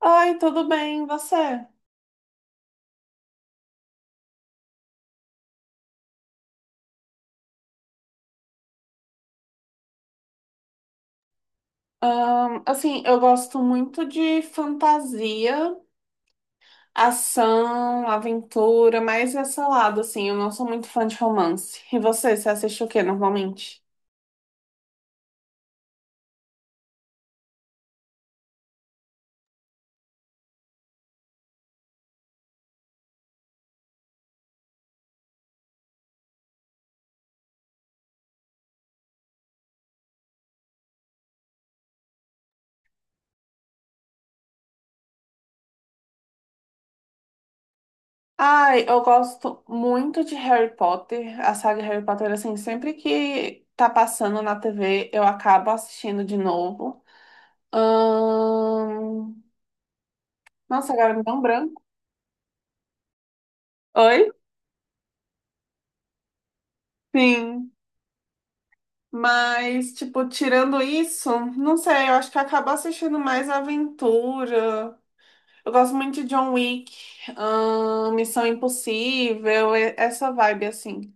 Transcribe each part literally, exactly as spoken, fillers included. Ai, tudo bem, e você? Ahn, assim, eu gosto muito de fantasia, ação, aventura, mais esse lado, assim, eu não sou muito fã de romance. E você, você assiste o que normalmente? Ai, eu gosto muito de Harry Potter, a saga Harry Potter, assim, sempre que tá passando na T V, eu acabo assistindo de novo. Ahn, Nossa, agora me deu um branco. Oi? Sim. Mas, tipo, tirando isso, não sei, eu acho que acabo assistindo mais aventura. Eu gosto muito de John Wick, ahn, Missão Impossível, e- essa vibe assim.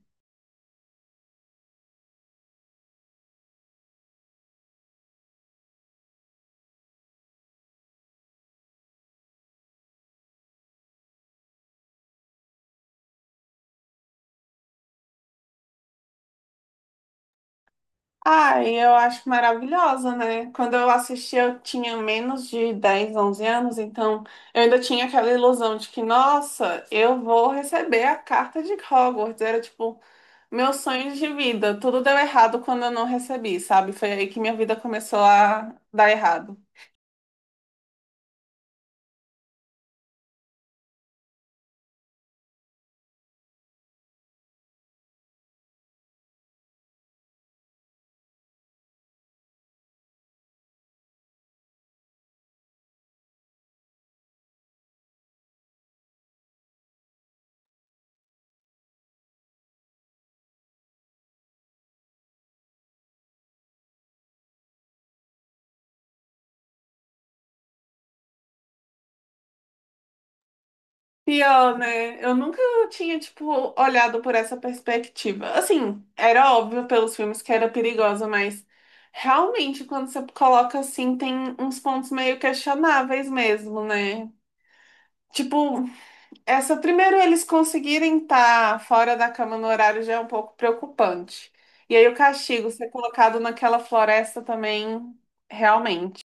Ai, eu acho maravilhosa, né? Quando eu assisti, eu tinha menos de dez, onze anos, então eu ainda tinha aquela ilusão de que, nossa, eu vou receber a carta de Hogwarts. Era tipo, meus sonhos de vida. Tudo deu errado quando eu não recebi, sabe? Foi aí que minha vida começou a dar errado. Pior, né? Eu nunca tinha, tipo, olhado por essa perspectiva. Assim, era óbvio pelos filmes que era perigosa, mas realmente, quando você coloca assim, tem uns pontos meio questionáveis mesmo, né? Tipo, essa primeiro eles conseguirem estar fora da cama no horário já é um pouco preocupante. E aí o castigo ser colocado naquela floresta também, realmente.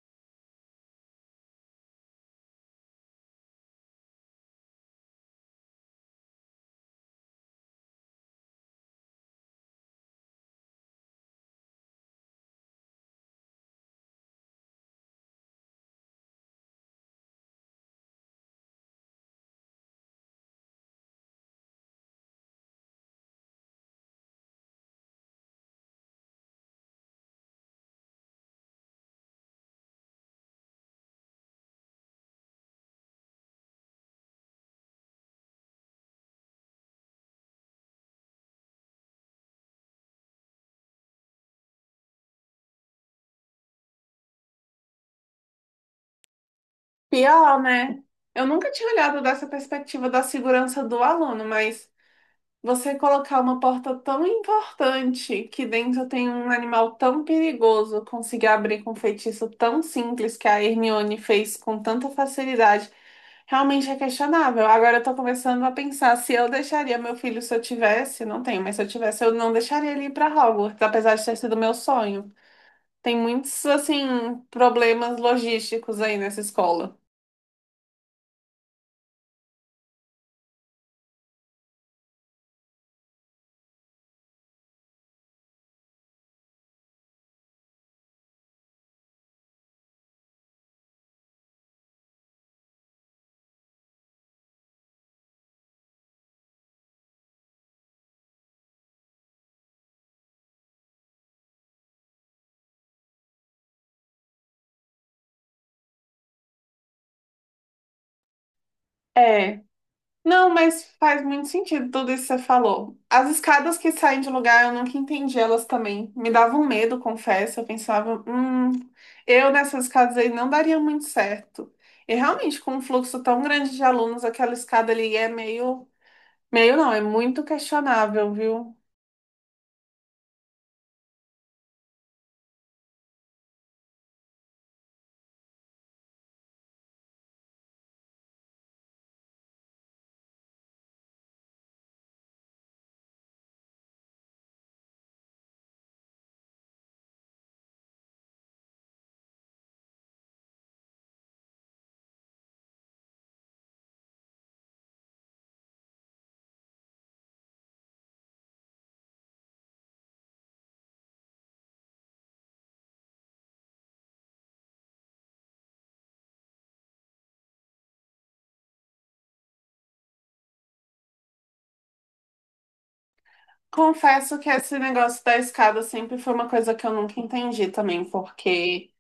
Pior, né? Eu nunca tinha olhado dessa perspectiva da segurança do aluno, mas. Você colocar uma porta tão importante que dentro tem um animal tão perigoso, conseguir abrir com um feitiço tão simples que a Hermione fez com tanta facilidade, realmente é questionável. Agora eu tô começando a pensar se eu deixaria meu filho, se eu tivesse, não tenho, mas se eu tivesse, eu não deixaria ele ir para Hogwarts, apesar de ter sido meu sonho. Tem muitos assim problemas logísticos aí nessa escola. É. Não, mas faz muito sentido tudo isso que você falou. As escadas que saem de lugar, eu nunca entendi elas também. Me davam medo, confesso. Eu pensava, hum, eu nessas escadas aí não daria muito certo. E realmente, com um fluxo tão grande de alunos, aquela escada ali é meio, meio não, é muito questionável, viu? Confesso que esse negócio da escada sempre foi uma coisa que eu nunca entendi também, porque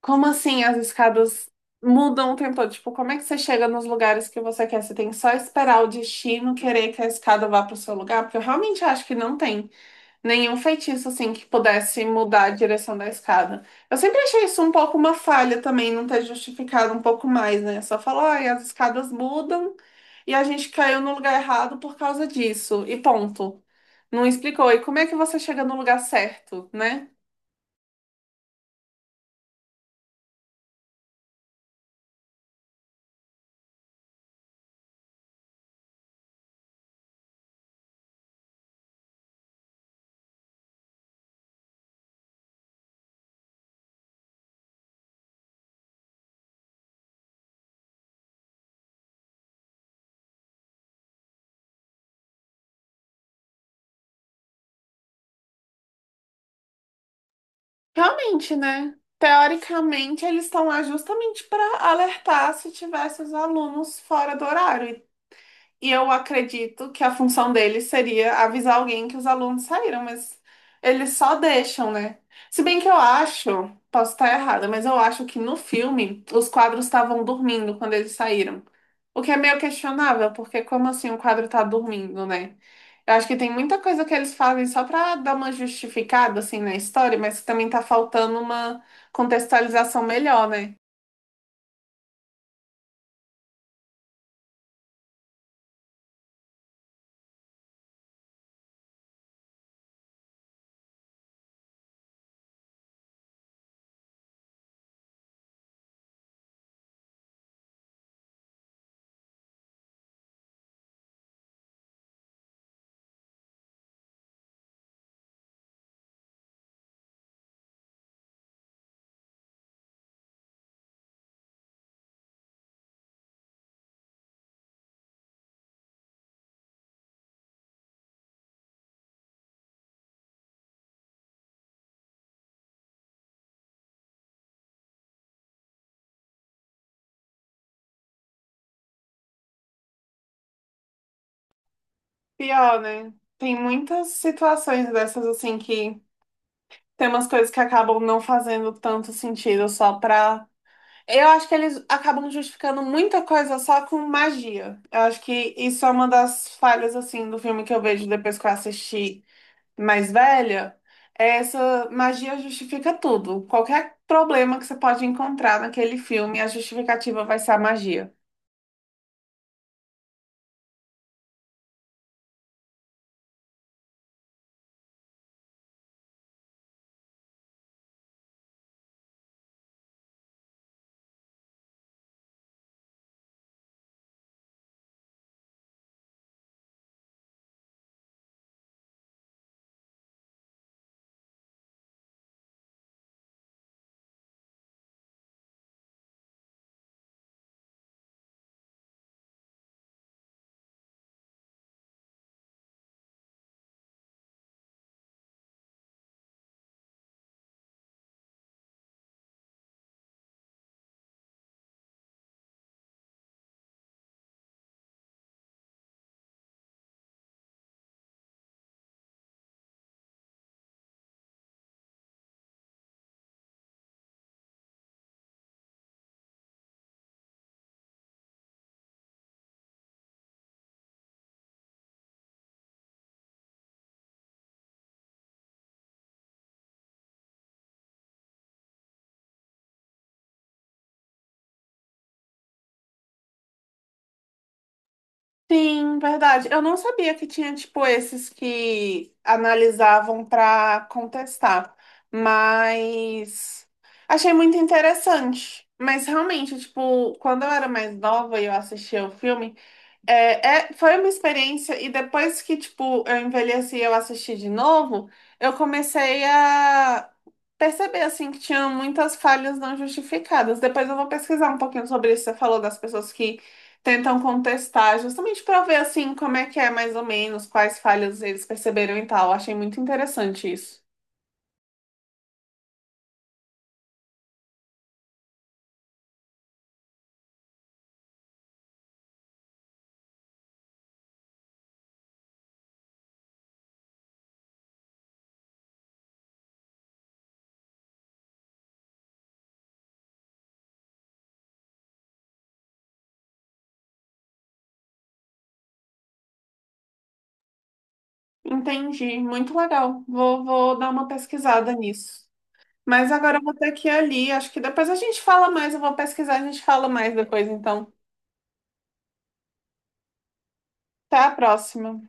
como assim as escadas mudam o tempo todo? Tipo, como é que você chega nos lugares que você quer? Você tem que só esperar o destino querer que a escada vá para o seu lugar? Porque eu realmente acho que não tem nenhum feitiço assim que pudesse mudar a direção da escada. Eu sempre achei isso um pouco uma falha também, não ter justificado um pouco mais, né? Só falar, ai, as escadas mudam e a gente caiu no lugar errado por causa disso. E ponto. Não explicou. E como é que você chega no lugar certo, né? Realmente, né? Teoricamente, eles estão lá justamente para alertar se tivesse os alunos fora do horário. E eu acredito que a função deles seria avisar alguém que os alunos saíram, mas eles só deixam, né? Se bem que eu acho, posso estar errada, mas eu acho que no filme os quadros estavam dormindo quando eles saíram. O que é meio questionável, porque como assim o quadro tá dormindo, né? Eu acho que tem muita coisa que eles fazem só pra dar uma justificada assim na história, mas que também tá faltando uma contextualização melhor, né? Pior, né? Tem muitas situações dessas assim que tem umas coisas que acabam não fazendo tanto sentido só pra. Eu acho que eles acabam justificando muita coisa só com magia. Eu acho que isso é uma das falhas, assim, do filme que eu vejo depois que eu assisti mais velha. É, essa magia justifica tudo. Qualquer problema que você pode encontrar naquele filme, a justificativa vai ser a magia. Sim, verdade. Eu não sabia que tinha, tipo, esses que analisavam para contestar, mas achei muito interessante. Mas realmente, tipo, quando eu era mais nova e eu assistia o filme, é, é- foi uma experiência, e depois que, tipo, eu envelheci e eu assisti de novo, eu comecei a perceber, assim, que tinha muitas falhas não justificadas. Depois eu vou pesquisar um pouquinho sobre isso. Você falou das pessoas que tentam contestar, justamente para ver, assim, como é que é mais ou menos, quais falhas eles perceberam e tal. Achei muito interessante isso. Entendi, muito legal. Vou, vou dar uma pesquisada nisso. Mas agora eu vou ter que ir ali. Acho que depois a gente fala mais. Eu vou pesquisar, a gente fala mais depois, então. Até a próxima.